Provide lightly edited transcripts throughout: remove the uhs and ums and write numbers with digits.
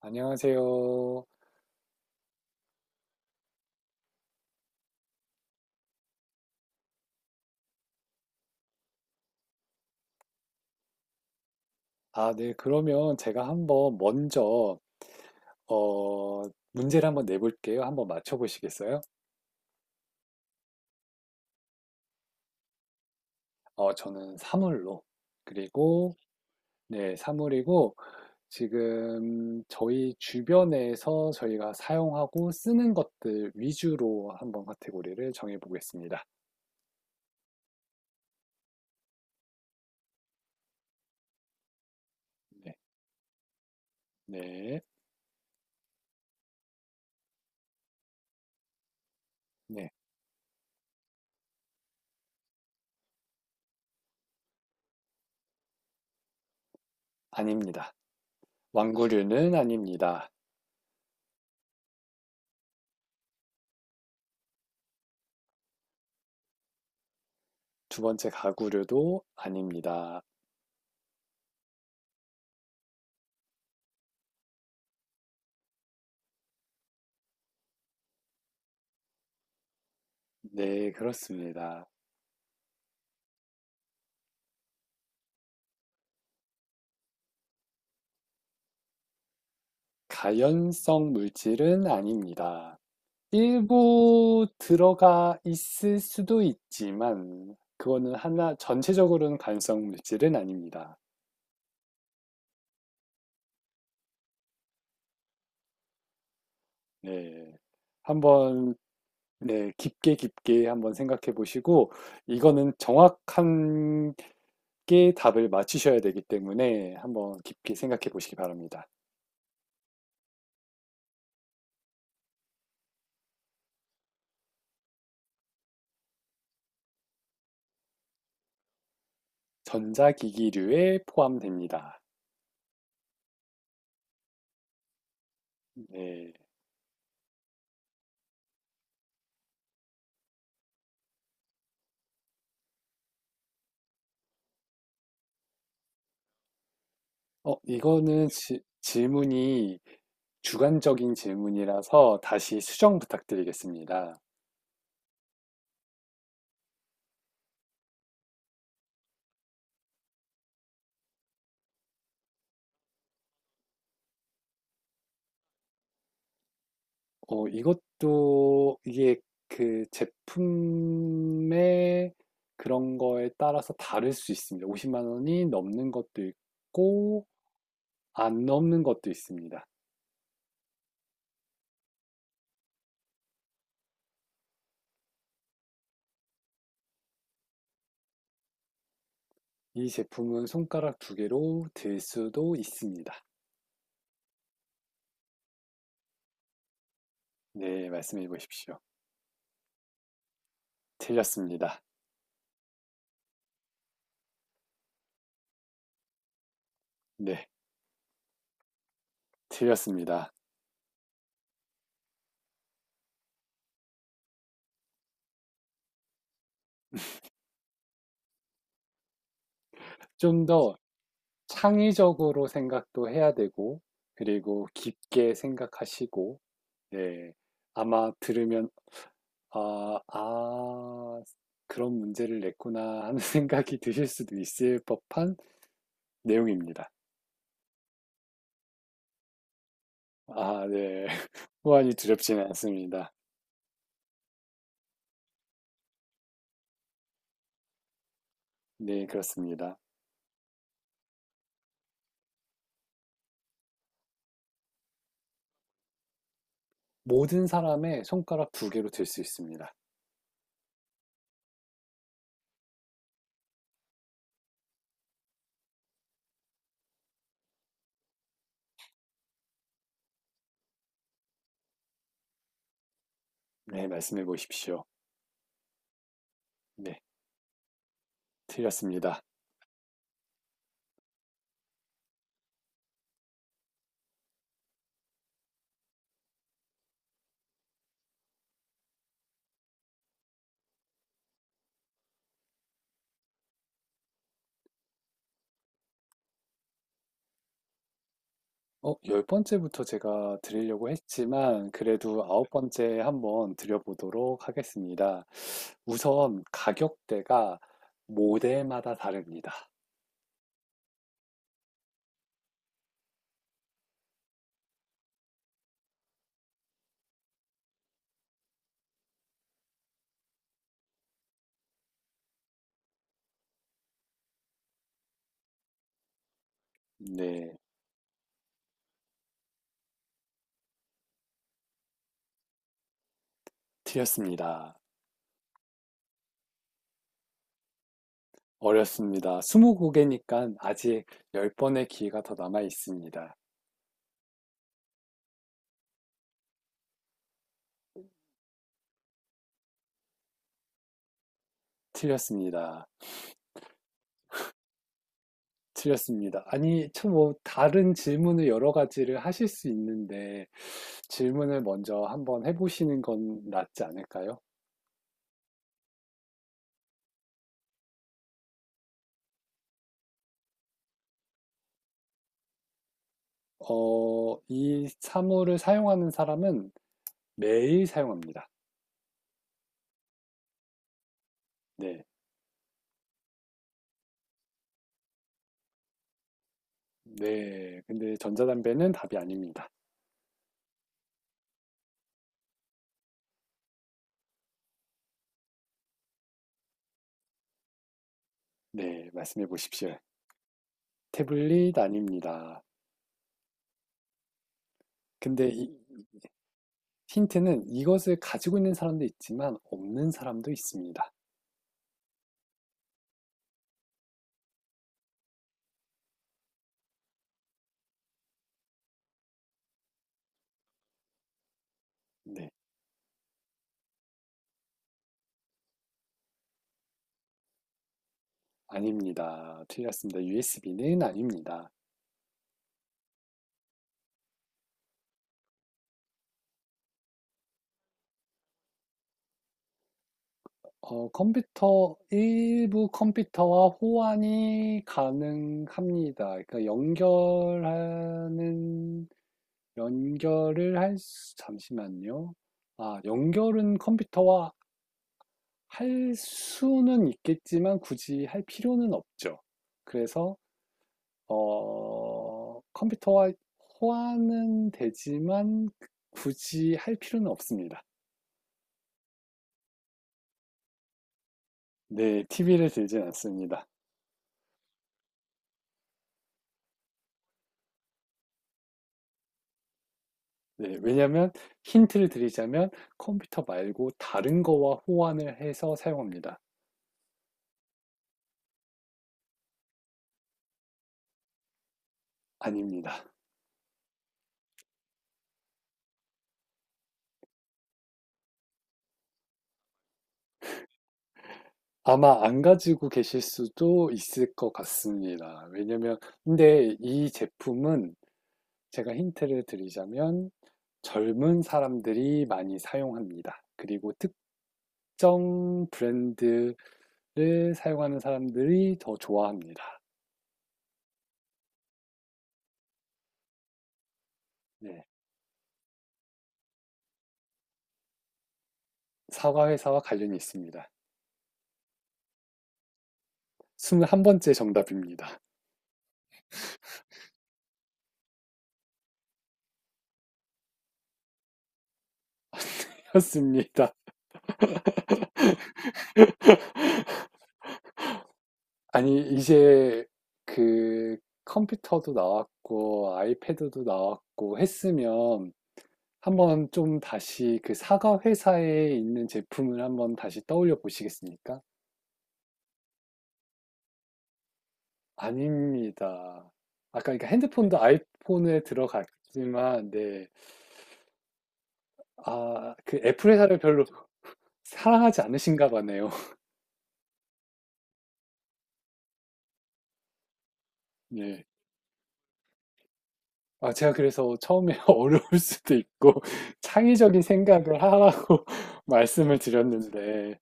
안녕하세요. 아, 네. 그러면 제가 한번 먼저, 어, 문제를 한번 내볼게요. 한번 맞춰보시겠어요? 저는 사물로. 그리고, 네, 사물이고, 지금 저희 주변에서 저희가 사용하고 쓰는 것들 위주로 한번 카테고리를 정해보겠습니다. 네, 네, 네. 아닙니다. 완구류는 아닙니다. 두 번째 가구류도 아닙니다. 네, 그렇습니다. 가연성 물질은 아닙니다. 일부 들어가 있을 수도 있지만, 그거는 하나, 전체적으로는 가연성 물질은 아닙니다. 네. 한번, 네, 깊게 깊게 한번 생각해 보시고, 이거는 정확한 게 답을 맞추셔야 되기 때문에 한번 깊게 생각해 보시기 바랍니다. 전자기기류에 포함됩니다. 네. 이거는 질문이 주관적인 질문이라서 다시 수정 부탁드리겠습니다. 이것도 이게 그 제품의 그런 거에 따라서 다를 수 있습니다. 50만 원이 넘는 것도 있고 안 넘는 것도 있습니다. 이 제품은 손가락 두 개로 들 수도 있습니다. 네, 말씀해 보십시오. 틀렸습니다. 네, 틀렸습니다. 좀더 창의적으로 생각도 해야 되고, 그리고 깊게 생각하시고, 네. 아마 들으면, 아, 아, 그런 문제를 냈구나 하는 생각이 드실 수도 있을 법한 내용입니다. 아, 네. 호환이 두렵지는 않습니다. 네, 그렇습니다. 모든 사람의 손가락 두 개로 들 수 있습니다. 네, 말씀해 보십시오. 네, 틀렸습니다. 열 번째부터 제가 드리려고 했지만, 그래도 아홉 번째 한번 드려보도록 하겠습니다. 우선 가격대가 모델마다 다릅니다. 네, 틀렸습니다. 어렵습니다. 20곡이니까 아직 10번의 기회가 더 남아 있습니다. 틀렸습니다. 틀렸습니다. 아니, 저 뭐, 다른 질문을 여러 가지를 하실 수 있는데, 질문을 먼저 한번 해보시는 건 낫지 않을까요? 이 사물을 사용하는 사람은 매일 사용합니다. 네, 네. 근데 전자담배는 답이 아닙니다. 네, 말씀해 보십시오. 태블릿 아닙니다. 근데 힌트는 이것을 가지고 있는 사람도 있지만 없는 사람도 있습니다. 네, 아닙니다. 틀렸습니다. USB는 아닙니다. 컴퓨터, 일부 컴퓨터와 호환이 가능합니다. 그러니까 연결하는 연결을 할 수, 잠시만요. 아, 연결은 컴퓨터와 할 수는 있겠지만 굳이 할 필요는 없죠. 그래서, 컴퓨터와 호환은 되지만 굳이 할 필요는 없습니다. 네, TV를 들진 않습니다. 네, 왜냐면 하 힌트를 드리자면 컴퓨터 말고 다른 거와 호환을 해서 사용합니다. 아닙니다. 아마 안 가지고 계실 수도 있을 것 같습니다. 왜냐면, 근데 이 제품은 제가 힌트를 드리자면 젊은 사람들이 많이 사용합니다. 그리고 특정 브랜드를 사용하는 사람들이 더 좋아합니다. 네. 사과 회사와 관련이 있습니다. 물한번째 정답입니다. 였습니다. 아니, 이제 그 컴퓨터도 나왔고, 아이패드도 나왔고 했으면 한번 좀 다시 그 사과 회사에 있는 제품을 한번 다시 떠올려 보시겠습니까? 아닙니다. 아까 그러니까 핸드폰도 아이폰에 들어갔지만, 네. 아, 그 애플 회사를 별로 사랑하지 않으신가 보네요. 네. 아, 제가 그래서 처음에 어려울 수도 있고, 창의적인 생각을 하라고 말씀을 드렸는데,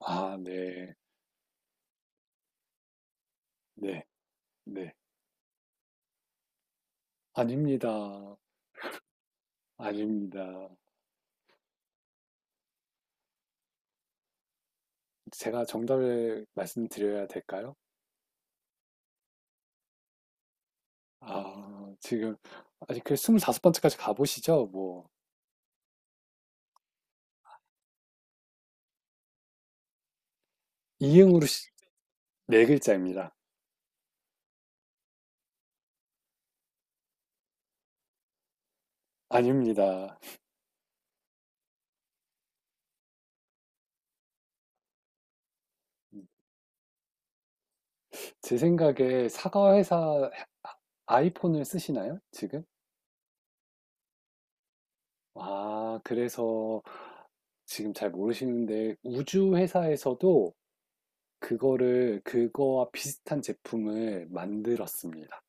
아, 네. 네. 네. 아닙니다. 아닙니다. 제가 정답을 말씀드려야 될까요? 아, 지금 아직 그 25번째까지 가보시죠? 뭐 이응으로 네 글자입니다. 아닙니다. 제 생각에 사과 회사 아이폰을 쓰시나요? 지금? 아, 그래서 지금 잘 모르시는데 우주 회사에서도 그거를 그거와 비슷한 제품을 만들었습니다.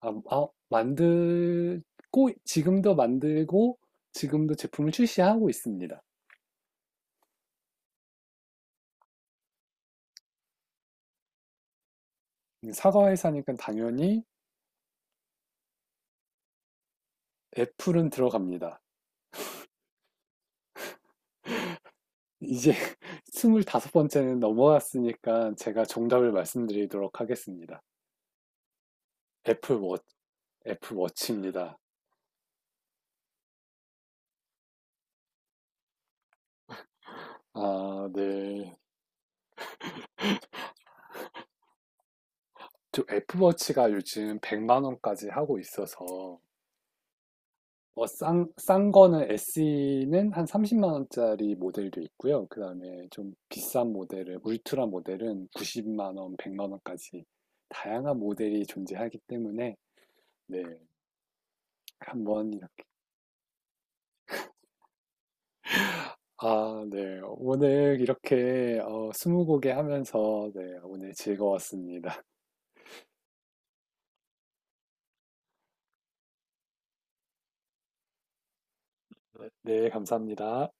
아, 아, 만들고 지금도 제품을 출시하고 있습니다. 사과 회사니까 당연히 애플은 들어갑니다. 이제 25번째는 넘어왔으니까 제가 정답을 말씀드리도록 하겠습니다. 애플워, 애플워치입니다. 아, 네. 저 애플워치가 요즘 100만 원까지 하고 있어서 싼 거는 SE는 한 30만 원짜리 모델도 있고요. 그다음에 좀 비싼 모델은 울트라 모델은 90만 원, 100만 원까지 다양한 모델이 존재하기 때문에 네, 한번 아, 네. 오늘 이렇게 스무고개 하면서 네, 오늘 즐거웠습니다. 네, 감사합니다.